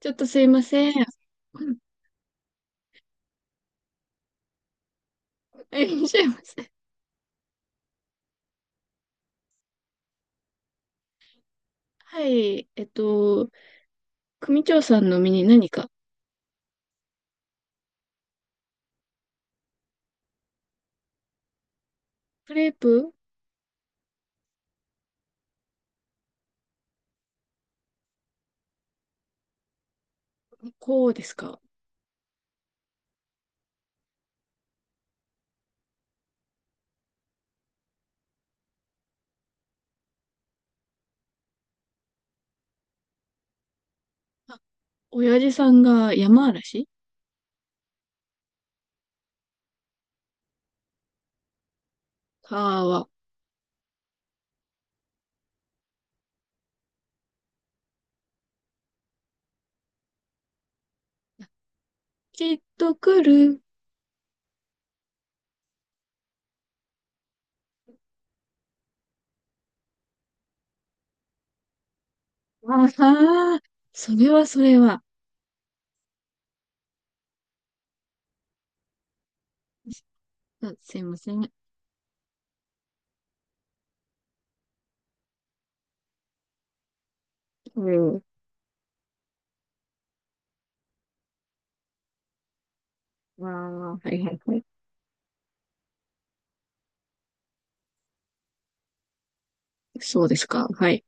ちょっとすいません。いらっしゃいませ。はい。組長さんの身に何か？クレープ？こうですか？あ、親父さんが山嵐？川。きっと来る。ああ、それはそれは。あ、すいません。うん。ああ、はいはいはい。そうですか。はい。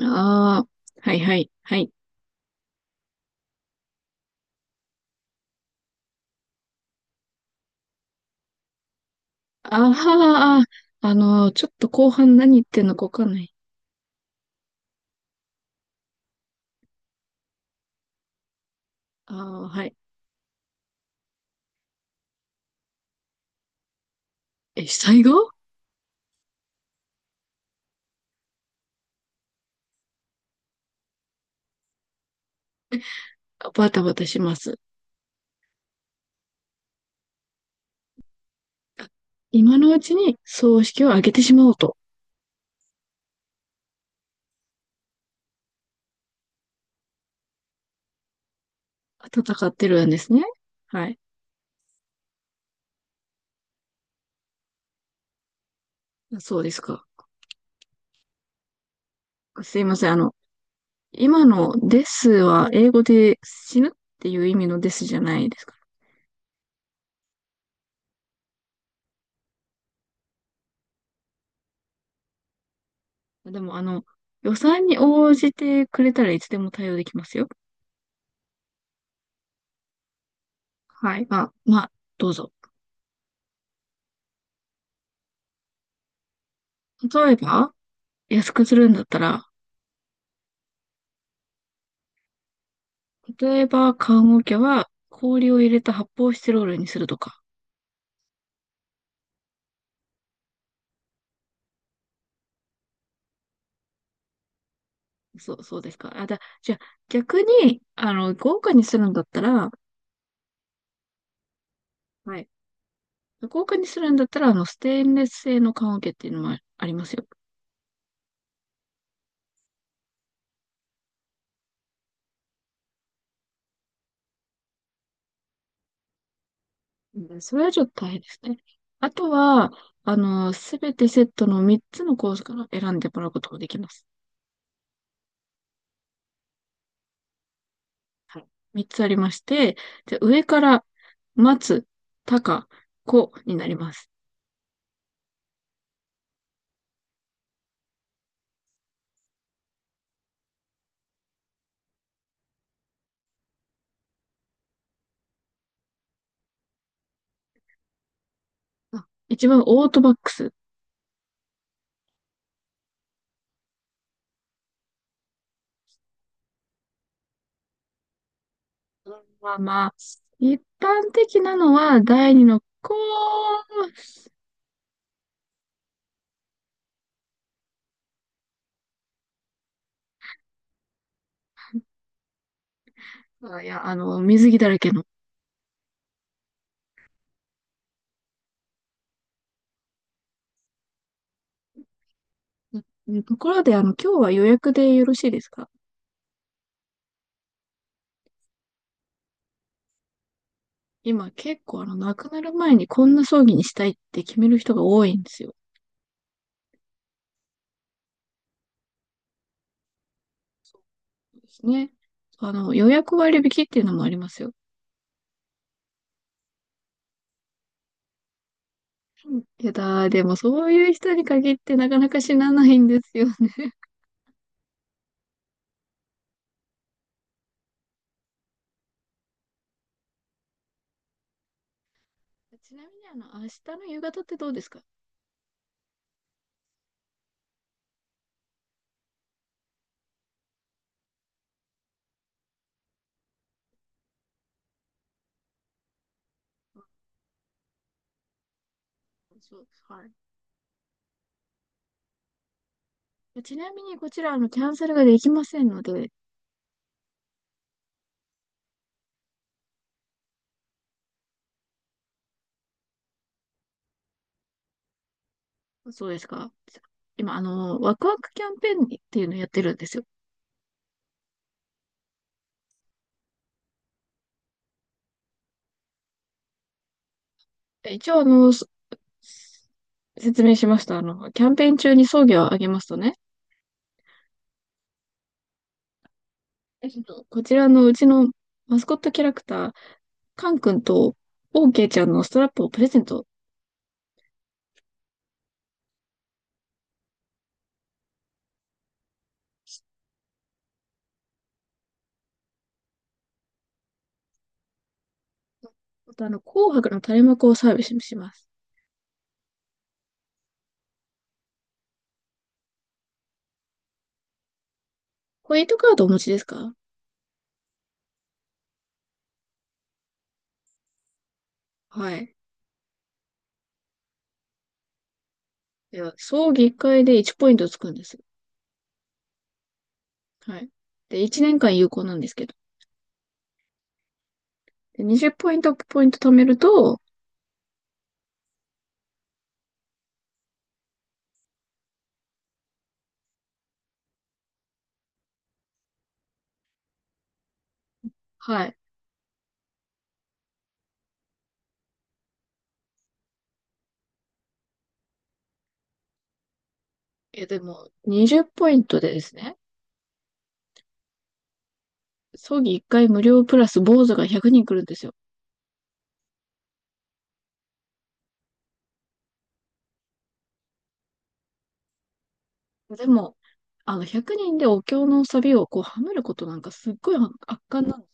ああ、はいはいはい。ああ、あの、ちょっと後半何言ってんのかわかんない。ああ、はい。え、災害？バタバタします。今のうちに葬式を挙げてしまおうと。戦ってるんですね。はい。そうですか。すいません。あの、今のですは英語で死ぬっていう意味のですじゃないですか？でも、あの、予算に応じてくれたらいつでも対応できますよ。はい。まあ、まあ、どうぞ。例えば、安くするんだったら、例えば、棺桶は氷を入れた発泡スチロールにするとか。そうですか。あ、じゃあ、逆に、あの、豪華にするんだったら、はい。豪華にするんだったら、あの、ステンレス製の棺桶っていうのもありますよ。うん、それはちょっと大変ですね。あとは、あの、すべてセットの3つのコースから選んでもらうことができます。はい。3つありまして、で、上から、松、高、子になります。あ、一番オートバックス。まあまあ、一般的なのは第2の子。あ、いや、あの、水着だらけの。うん、ところで、あの、今日は予約でよろしいですか？今結構、あの、亡くなる前にこんな葬儀にしたいって決める人が多いんですよ。そうですね。あの、予約割引っていうのもありますよ。いやだー、でもそういう人に限ってなかなか死なないんですよね。ちなみに、あの、明日の夕方ってどうですか？そう、はい。ちなみに、こちら、あの、キャンセルができませんので。そうですか。今、あの、ワクワクキャンペーンっていうのをやってるんですよ。一応、あの、説明しました。あの、キャンペーン中に送料を上げますとね、こちらのうちのマスコットキャラクター、カン君とオーケーちゃんのストラップをプレゼント。また、あの、紅白の垂れ幕をサービスします。ポイントカードお持ちですか？はい。では、葬儀1回で1ポイントつくんです。はい。で、1年間有効なんですけど。で、20ポイント貯めると、はい。え、でも、20ポイントでですね、葬儀1回無料プラス坊主が100人来るんですよ。でも、あの、100人でお経のサビをこう、はめることなんかすっごい圧巻なんで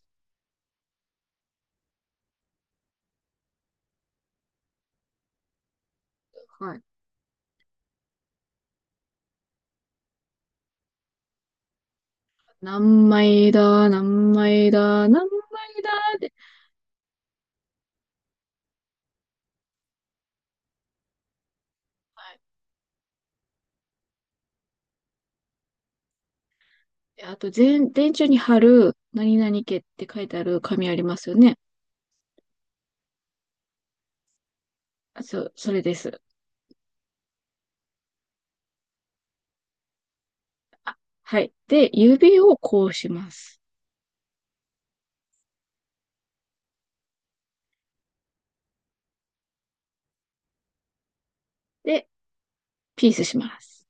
すよ。はい。何枚だ、何枚だ、何枚だって。はい。で、あと、電柱に貼る、何々家って書いてある紙ありますよね。あ、そう、それです。あ、はい。で、指をこうします。で、ピースします。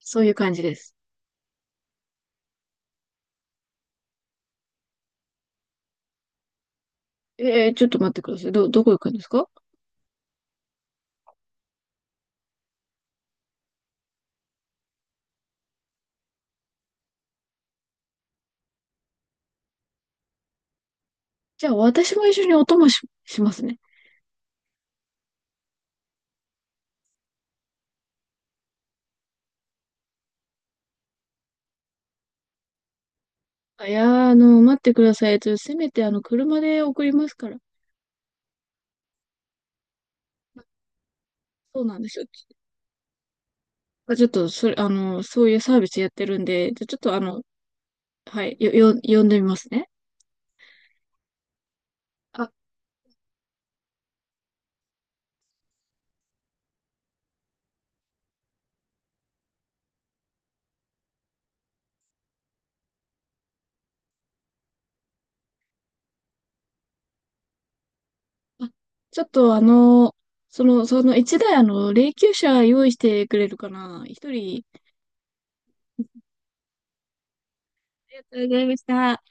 そういう感じです。ちょっと待ってください。どこ行くんですか？じゃあ、私も一緒にお供しますね。あいやー、あの、待ってください。ちょっとせめて、あの、車で送りますから。そうなんですよ。ちょっと、それ、あの、そういうサービスやってるんで、じゃちょっとあの、はい、呼んでみますね。あ、あ、ちょっとあの、その一台あの、霊柩車用意してくれるかな。一人。ありがとうございました。